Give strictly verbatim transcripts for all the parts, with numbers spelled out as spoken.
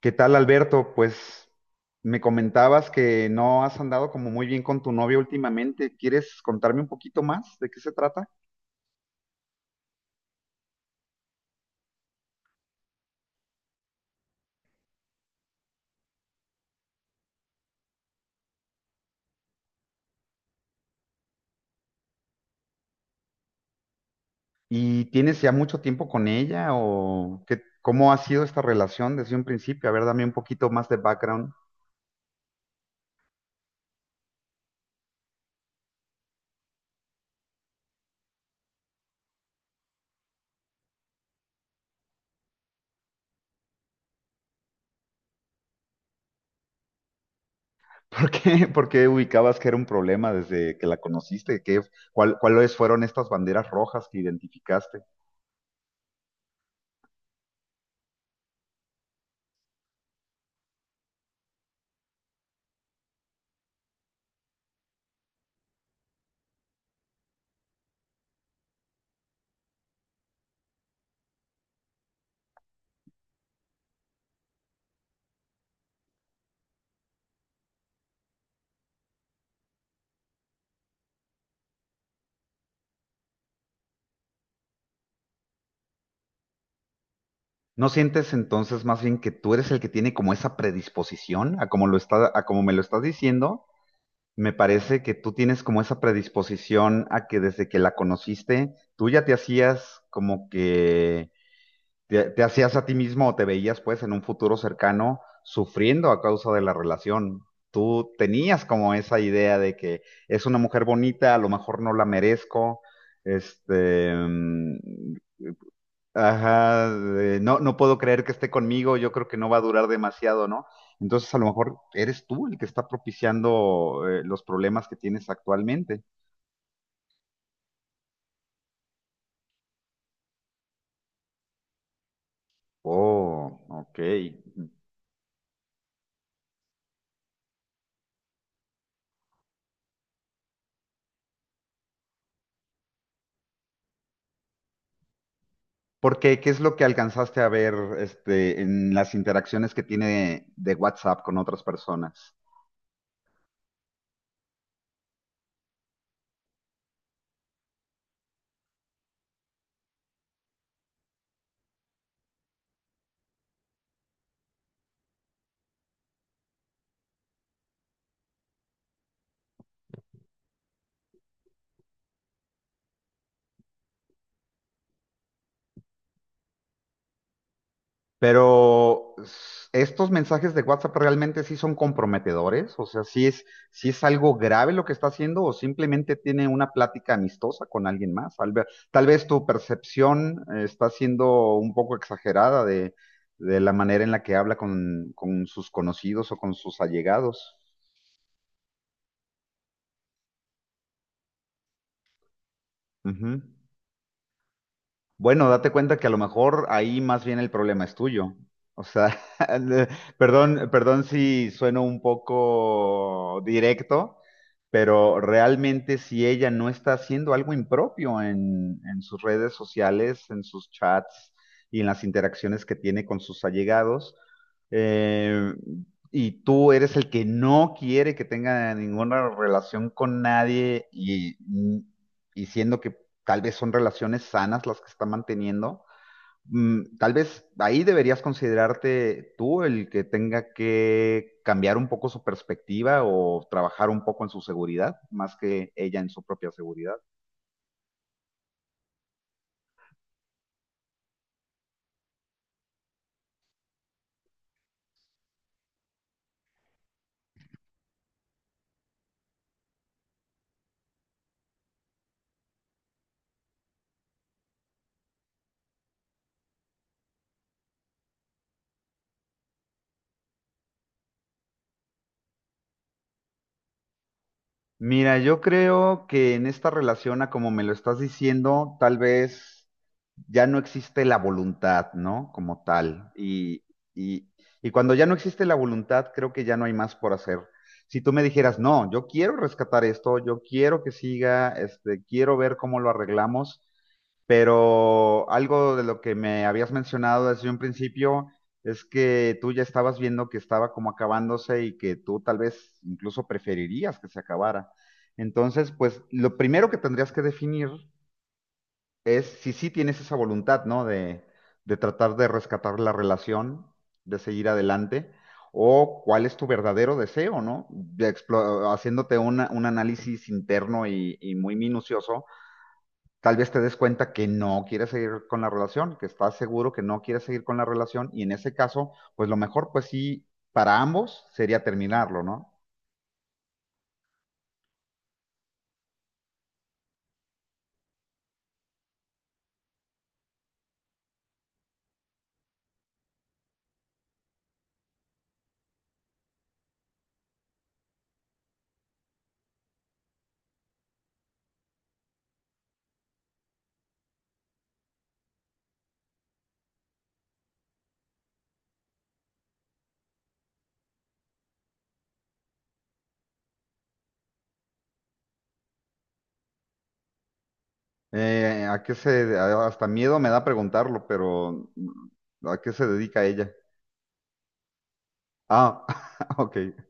¿Qué tal, Alberto? Pues me comentabas que no has andado como muy bien con tu novia últimamente. ¿Quieres contarme un poquito más de qué se trata? ¿Y tienes ya mucho tiempo con ella o qué, cómo ha sido esta relación desde un principio? A ver, dame un poquito más de background. ¿Por qué, por qué ubicabas que era un problema desde que la conociste? ¿Qué, cuál, cuáles fueron estas banderas rojas que identificaste? ¿No sientes entonces más bien que tú eres el que tiene como esa predisposición a como lo está, a como me lo estás diciendo? Me parece que tú tienes como esa predisposición a que desde que la conociste, tú ya te hacías como que te, te hacías a ti mismo o te veías pues en un futuro cercano sufriendo a causa de la relación. Tú tenías como esa idea de que es una mujer bonita, a lo mejor no la merezco, este, ajá, de, no, no puedo creer que esté conmigo, yo creo que no va a durar demasiado, ¿no? Entonces a lo mejor eres tú el que está propiciando eh, los problemas que tienes actualmente. Oh, ok. ¿Por qué? ¿Qué es lo que alcanzaste a ver este, en las interacciones que tiene de WhatsApp con otras personas? Pero s- estos mensajes de WhatsApp realmente sí son comprometedores, o sea, sí es, sí es algo grave lo que está haciendo o simplemente tiene una plática amistosa con alguien más. Tal vez, tal vez tu percepción eh, está siendo un poco exagerada de, de la manera en la que habla con, con sus conocidos o con sus allegados. Ujú. Bueno, date cuenta que a lo mejor ahí más bien el problema es tuyo. O sea, le- perdón, perdón si sueno un poco directo, pero realmente si ella no está haciendo algo impropio en, en sus redes sociales, en sus chats y en las interacciones que tiene con sus allegados, eh, y tú eres el que no quiere que tenga ninguna relación con nadie y, y siendo que tal vez son relaciones sanas las que está manteniendo. Mm, Tal vez ahí deberías considerarte tú el que tenga que cambiar un poco su perspectiva o trabajar un poco en su seguridad, más que ella en su propia seguridad. Mira, yo creo que en esta relación, a como me lo estás diciendo, tal vez ya no existe la voluntad, ¿no? Como tal. Y, y, y cuando ya no existe la voluntad, creo que ya no hay más por hacer. Si tú me dijeras, no, yo quiero rescatar esto, yo quiero que siga, este, quiero ver cómo lo arreglamos, pero algo de lo que me habías mencionado desde un principio es que tú ya estabas viendo que estaba como acabándose y que tú tal vez incluso preferirías que se acabara. Entonces, pues lo primero que tendrías que definir es si sí tienes esa voluntad, ¿no? De, de tratar de rescatar la relación, de seguir adelante, o cuál es tu verdadero deseo, ¿no? De explo- haciéndote una- un análisis interno y, y muy minucioso, tal vez te des cuenta que no quieres seguir con la relación, que estás seguro que no quieres seguir con la relación, y en ese caso, pues lo mejor, pues sí, para ambos sería terminarlo, ¿no? Eh, ¿a qué se, a- hasta miedo me da preguntarlo, pero mm, ¿a qué se dedica ella? Ah, ok.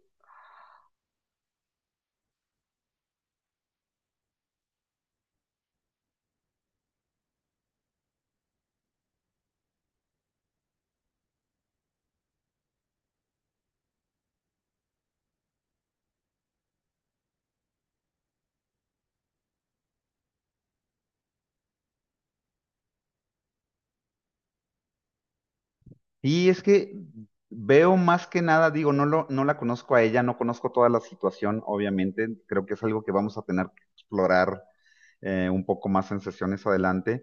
Y es que veo más que nada, digo, no lo, no la conozco a ella, no conozco toda la situación, obviamente. Creo que es algo que vamos a tener que explorar eh, un poco más en sesiones adelante.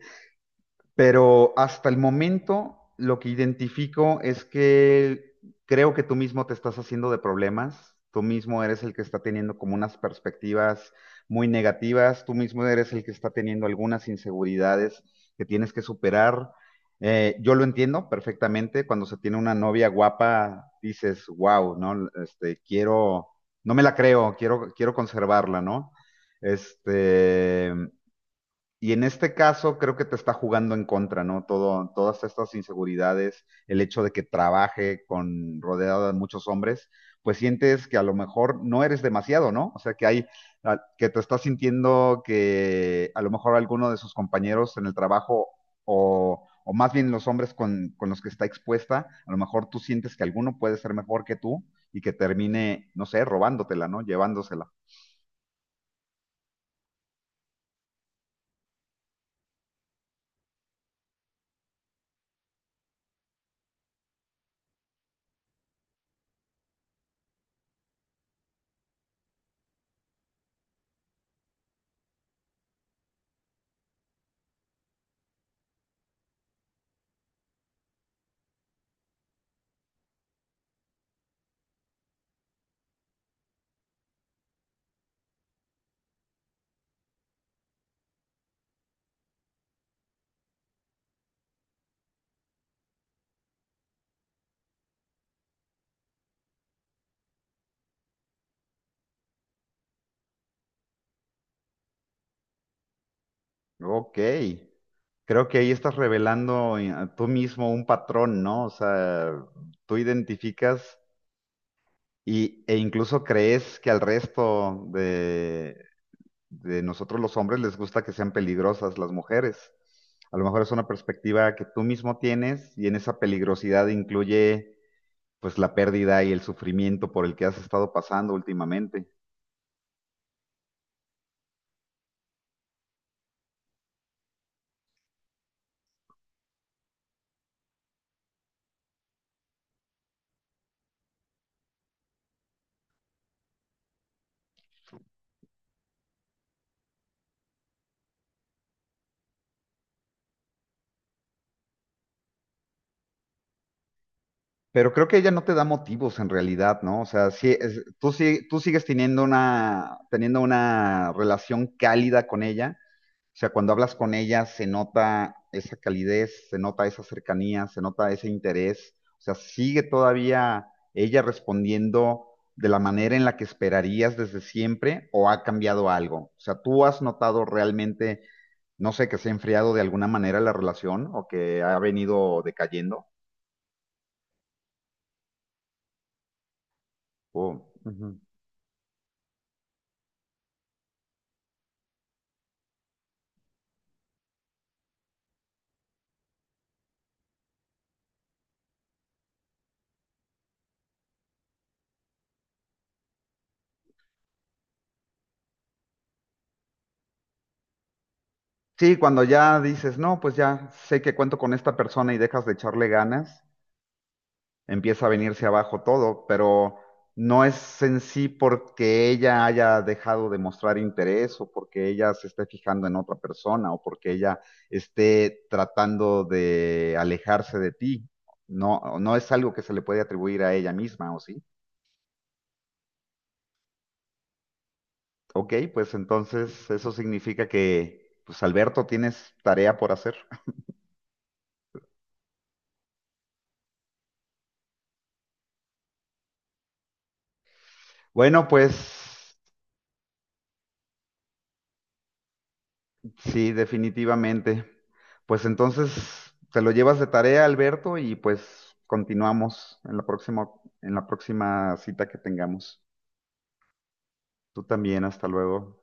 Pero hasta el momento lo que identifico es que creo que tú mismo te estás haciendo de problemas, tú mismo eres el que está teniendo como unas perspectivas muy negativas, tú mismo eres el que está teniendo algunas inseguridades que tienes que superar. Eh, yo lo entiendo perfectamente, cuando se tiene una novia guapa, dices, wow, ¿no? Este, quiero, no me la creo, quiero, quiero conservarla, ¿no? Este, y en este caso creo que te está jugando en contra, ¿no? Todo, todas estas inseguridades, el hecho de que trabaje con rodeado de muchos hombres, pues sientes que a lo mejor no eres demasiado, ¿no? O sea, que hay, a- que te estás sintiendo que a lo mejor alguno de sus compañeros en el trabajo o, o más bien los hombres con, con los que está expuesta, a lo mejor tú sientes que alguno puede ser mejor que tú y que termine, no sé, robándotela, ¿no? Llevándosela. Ok, creo que ahí estás revelando eh, tú mismo un patrón, ¿no? O sea, tú identificas y, e incluso crees que al resto de, de nosotros los hombres les gusta que sean peligrosas las mujeres. A lo mejor es una perspectiva que tú mismo tienes y en esa peligrosidad incluye pues la pérdida y el sufrimiento por el que has estado pasando últimamente. Pero creo que ella no te da motivos en realidad, ¿no? O sea, sí, es- tú, sí- tú sigues teniendo una, teniendo una relación cálida con ella. O sea, cuando hablas con ella se nota esa calidez, se nota esa cercanía, se nota ese interés. O sea, sigue todavía ella respondiendo de la manera en la que esperarías desde siempre o ha cambiado algo. O sea, tú has notado realmente, no sé, que se ha enfriado de alguna manera la relación o que ha venido decayendo. Oh, ujú. Sí, cuando ya dices, no, pues ya sé que cuento con esta persona y dejas de echarle ganas, empieza a venirse abajo todo, pero no es en sí porque ella haya dejado de mostrar interés o porque ella se esté fijando en otra persona o porque ella esté tratando de alejarse de ti. No, no es algo que se le puede atribuir a ella misma, ¿o sí? Ok, pues entonces eso significa que, pues Alberto, tienes tarea por hacer. Bueno, pues sí, definitivamente. Pues entonces te lo llevas de tarea, Alberto, y pues continuamos en la próxima, en la próxima cita que tengamos. Tú también, hasta luego.